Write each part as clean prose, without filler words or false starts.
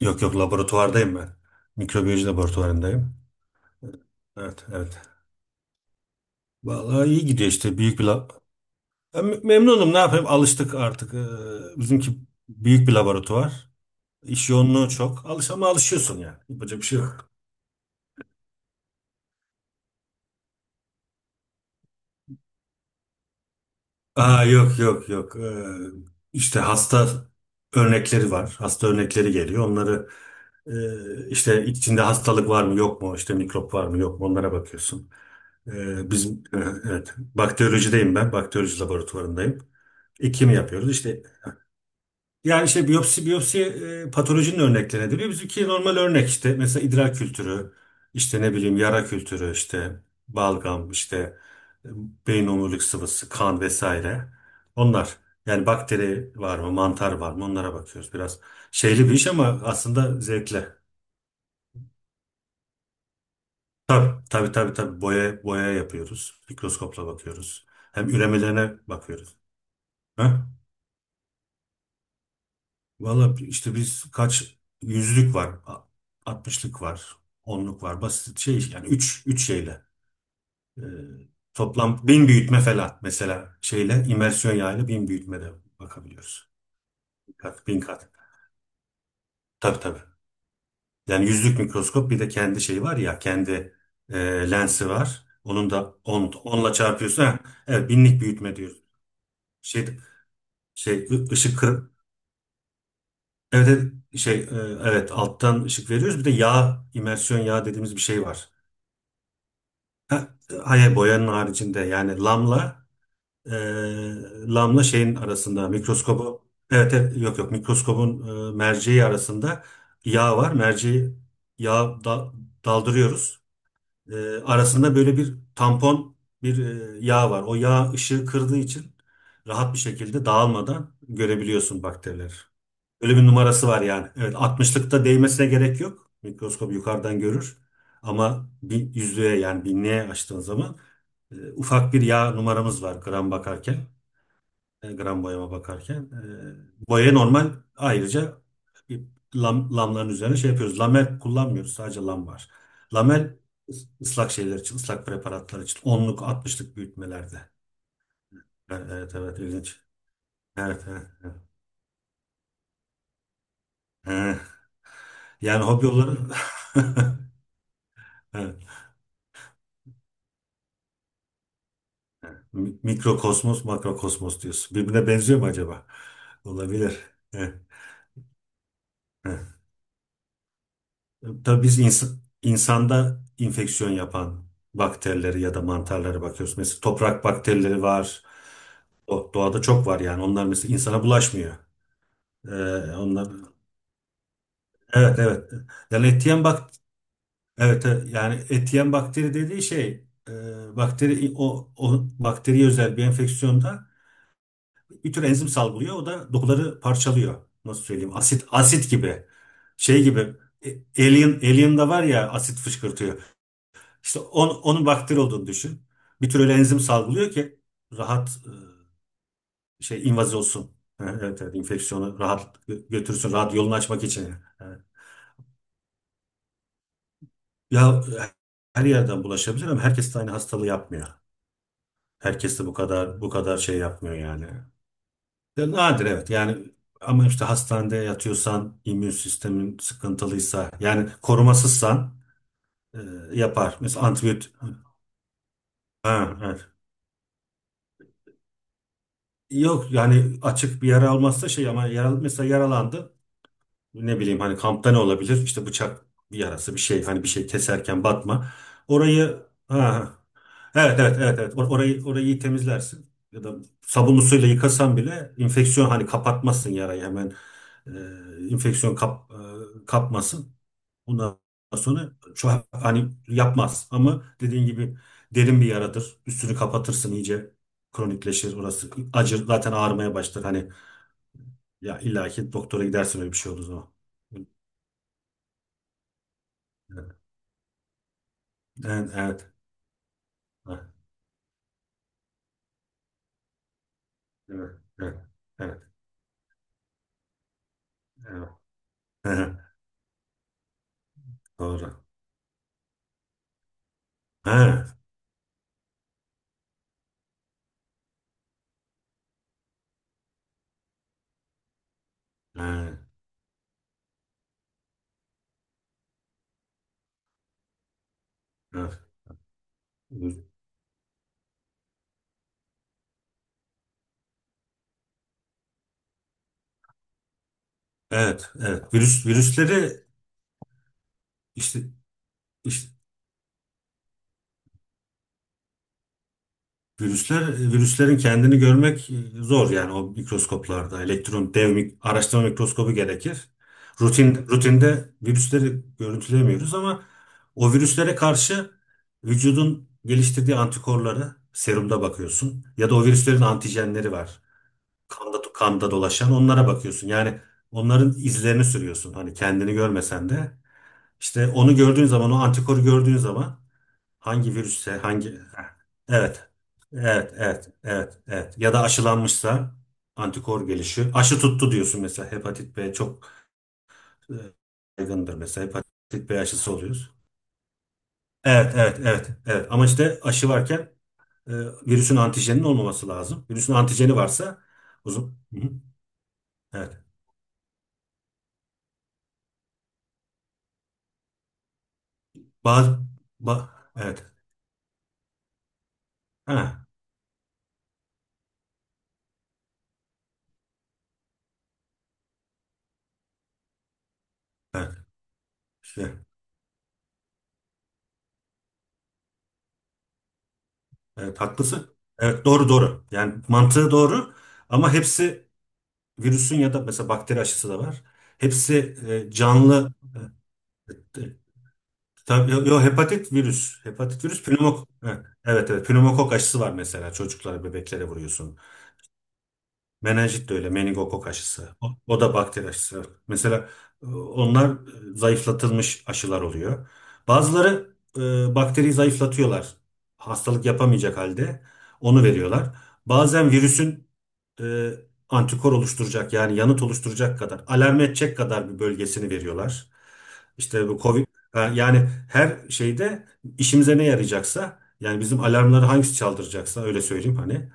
Yok yok laboratuvardayım ben. Mikrobiyoloji laboratuvarındayım. Evet evet. Vallahi iyi gidiyor işte büyük bir lab. Ya, memnunum ne yapayım alıştık artık. Bizimki büyük bir laboratuvar. İş yoğunluğu çok. Alış ama alışıyorsun yani. Yapacak bir şey yok. Aa, yok yok yok. İşte hasta örnekleri var. Hasta örnekleri geliyor. Onları, işte içinde hastalık var mı yok mu? İşte mikrop var mı yok mu? Onlara bakıyorsun. Ee, bizim e, evet, bakteriyolojideyim ben. Bakteriyoloji laboratuvarındayım. Kim yapıyoruz? İşte yani işte biyopsi, patolojinin örneklerine deniyor. Bizimki normal örnek, işte mesela idrar kültürü, işte ne bileyim yara kültürü, işte balgam, işte e, beyin omurilik sıvısı, kan vesaire. Onlar, yani bakteri var mı, mantar var mı onlara bakıyoruz. Biraz şeyli bir iş ama aslında zevkli. Tabii, tabii, tabii, tabii, boya boya yapıyoruz. Mikroskopla bakıyoruz. Hem üremelerine bakıyoruz. Ha? Valla işte biz kaç yüzlük var, altmışlık var, onluk var, basit şey yani üç şeyle. Ee, toplam bin büyütme falan, mesela şeyle imersiyon yağıyla bin büyütmede bakabiliyoruz. Bin kat, bin kat. Tabii tabii. Yani yüzlük mikroskop bir de kendi şeyi var ya, kendi e, lensi var. Onun da onla çarpıyorsun. Ha, evet, binlik büyütme diyoruz. Şey, şey, ışık... Evet, evet, şey e, evet, alttan ışık veriyoruz. Bir de yağ, imersiyon yağ dediğimiz bir şey var. Ha, hayır, boyanın haricinde yani e, lamla şeyin arasında, mikroskobu, evet, evet, yok yok, mikroskobun merceği arasında yağ var. Merceği yağ da- daldırıyoruz. E, arasında böyle bir tampon, bir yağ var. O yağ ışığı kırdığı için rahat bir şekilde dağılmadan görebiliyorsun bakterileri. Öyle bir numarası var yani. Evet, 60'lıkta değmesine gerek yok. Mikroskop yukarıdan görür. Ama bir yüzlüğe, yani binliğe açtığın zaman ufak bir yağ numaramız var gram bakarken. E, gram boyama bakarken. E, boya normal, ayrıca bir lam, lamların üzerine şey yapıyoruz. Lamel kullanmıyoruz. Sadece lam var. Lamel ıslak şeyler için, ıslak preparatlar için. Onluk, 60'lık büyütmelerde. E, Evet, evet, ilginç. Evet, evet, evet. E, Yani hobi olarak. Evet. Mikrokosmos, makrokosmos diyorsun. Birbirine benziyor mu acaba? Olabilir. Heh, heh. Tabii biz insanda infeksiyon yapan bakterileri ya da mantarlara bakıyoruz. Mesela toprak bakterileri var. Doğada çok var yani. Onlar mesela insana bulaşmıyor. Ee, onlar, evet evet. Yani etiyen bak, evet evet. Yani etiyen bakteri dediği şey, bakteri, o bakteriye özel bir enfeksiyonda bir tür enzim salgılıyor. O da dokuları parçalıyor. Nasıl söyleyeyim? Asit asit gibi. Şey gibi. E, Alien'da var ya asit fışkırtıyor. İşte onun bakteri olduğunu düşün. Bir tür öyle enzim salgılıyor ki rahat, şey, invaz olsun. Ha, evet, evet, enfeksiyonu rahat götürsün. Rahat yolunu açmak için. Ha. Ya, her yerden bulaşabilir ama herkes de aynı hastalığı yapmıyor. Herkes de bu kadar bu kadar şey yapmıyor yani. Ya, nadir, evet yani, ama işte hastanede yatıyorsan, immün sistemin sıkıntılıysa, yani korumasızsan, e, yapar. Mesela antibiyotik, ha, evet. Yok yani açık bir yara almazsa, şey, ama yara, mesela yaralandı. Ne bileyim, hani kampta ne olabilir? İşte bıçak, bir yarası, bir şey, hani bir şey keserken batma. Orayı, ha, evet evet evet evet, orayı iyi temizlersin ya da sabunlu suyla yıkasan bile, enfeksiyon hani kapatmasın yarayı hemen, enfeksiyon kapmasın. Ondan sonra şu an hani yapmaz ama dediğin gibi derin bir yaradır. Üstünü kapatırsın iyice, kronikleşir orası, acır zaten, ağrımaya başlar, hani ya, illaki doktora gidersin öyle bir şey olduğu zaman. Evet, evet. Ha, evet, evet, evet, evet. Hı, doğru, evet. Ha, evet, evet, evet. Virüsleri, işte, işte virüslerin kendini görmek zor yani o mikroskoplarda. Elektron dev araştırma mikroskobu gerekir. Rutinde virüsleri görüntülemiyoruz ama o virüslere karşı vücudun geliştirdiği antikorları serumda bakıyorsun, ya da o virüslerin antijenleri var. Kanda dolaşan onlara bakıyorsun. Yani onların izlerini sürüyorsun, hani kendini görmesen de. İşte onu gördüğün zaman, o antikoru gördüğün zaman hangi virüsse, hangi... Evet, evet, evet, evet, evet. Ya da aşılanmışsa antikor gelişiyor. Aşı tuttu diyorsun mesela. Hepatit B çok e, yaygındır mesela. Hepatit B aşısı oluyoruz. Evet, evet, evet, evet. Ama işte aşı varken e, virüsün antijeninin olmaması lazım. Virüsün antijeni varsa uzun. Hı hı. Evet. Bazı ba- evet. Ha, evet. İşte, evet, haklısın. Evet, doğru doğru. Yani mantığı doğru ama hepsi virüsün ya da mesela bakteri aşısı da var. Hepsi canlı, e, e, tabii, yo, yo, hepatit virüs. Hepatit virüs, pneumok. Evet evet evet. Pneumokok aşısı var mesela, çocuklara, bebeklere vuruyorsun. Menenjit de öyle, meningokok aşısı. O da bakteri aşısı. Mesela onlar zayıflatılmış aşılar oluyor. Bazıları bakteriyi zayıflatıyorlar. Hastalık yapamayacak halde onu veriyorlar. Bazen virüsün e, antikor oluşturacak, yani yanıt oluşturacak kadar, alarm edecek kadar bir bölgesini veriyorlar. İşte bu COVID, ha, yani her şeyde işimize ne yarayacaksa, yani bizim alarmları hangisi çaldıracaksa, öyle söyleyeyim hani,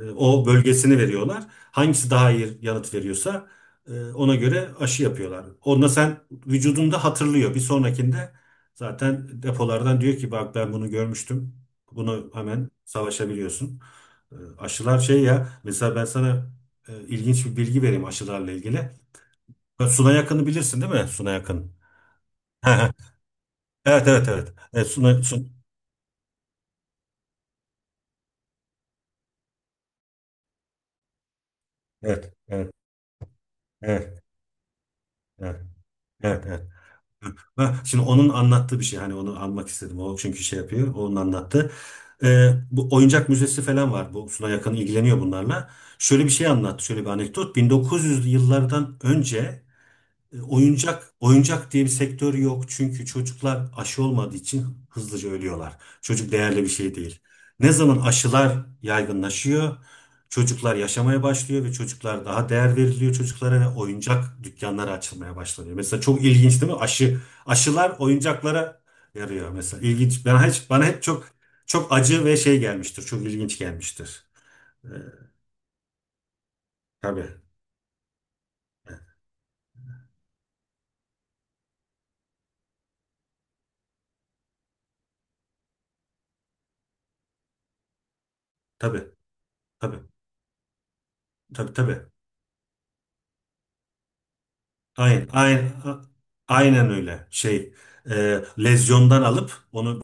o bölgesini veriyorlar. Hangisi daha iyi yanıt veriyorsa ona göre aşı yapıyorlar. Onda sen vücudunda hatırlıyor. Bir sonrakinde zaten depolardan diyor ki, bak ben bunu görmüştüm. Bunu hemen savaşabiliyorsun. Aşılar şey ya, mesela ben sana ilginç bir bilgi vereyim aşılarla ilgili. Ya, Suna Yakın'ı bilirsin değil mi? Suna Yakın. Evet evet evet. Evet, Suna, Sun, evet evet evet evet evet. Evet. Ha, şimdi onun anlattığı bir şey. Hani onu almak istedim. O çünkü şey yapıyor. Onun anlattı. Bu oyuncak müzesi falan var. Bu Suna yakın ilgileniyor bunlarla. Şöyle bir şey anlattı. Şöyle bir anekdot. 1900'lü yıllardan önce, oyuncak diye bir sektör yok, çünkü çocuklar aşı olmadığı için hızlıca ölüyorlar. Çocuk değerli bir şey değil. Ne zaman aşılar yaygınlaşıyor, çocuklar yaşamaya başlıyor ve çocuklar daha değer veriliyor, çocuklara, ve oyuncak dükkanları açılmaya başlanıyor. Mesela çok ilginç değil mi? Aşılar oyuncaklara yarıyor mesela. İlginç. Ben hiç, bana hep çok çok acı ve şey gelmiştir. Çok ilginç gelmiştir. E, tabii, tabii, tabii, tabii, tabii. Aynen, aynen, aynen öyle. Şey, lezyondan alıp onu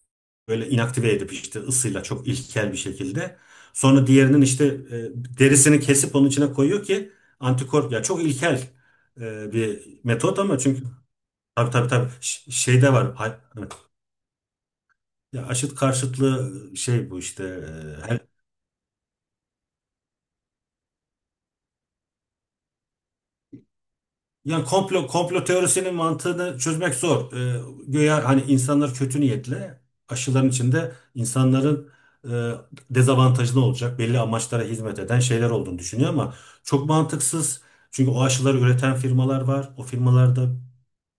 böyle inaktive edip işte ısıyla çok ilkel bir şekilde. Sonra diğerinin işte derisini kesip onun içine koyuyor ki antikor, ya çok ilkel bir metot ama çünkü tabii tabii tabii, şey de var. Hay-. Ya, aşıt karşıtlığı şey, bu işte, yani komplo teorisinin mantığını çözmek zor. Güya hani insanlar kötü niyetle aşıların içinde insanların e, dezavantajlı olacak, belli amaçlara hizmet eden şeyler olduğunu düşünüyor, ama çok mantıksız. Çünkü o aşıları üreten firmalar var. O firmalarda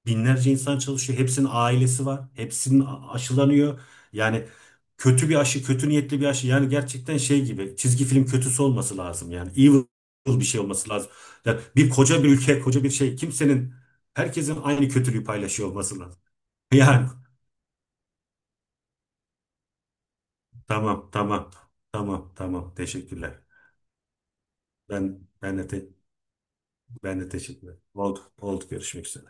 binlerce insan çalışıyor. Hepsinin ailesi var. Hepsinin aşılanıyor. Yani kötü bir aşı, kötü niyetli bir aşı. Yani gerçekten şey gibi çizgi film kötüsü olması lazım. Yani evil bir şey olması lazım. Ya bir koca bir ülke, koca bir şey. Kimsenin, herkesin aynı kötülüğü paylaşıyor olması lazım. Yani tamam, tamam, tamam, tamam. Teşekkürler. Ben ben de te- ben de teşekkürler. Oldu, oldu. Görüşmek üzere.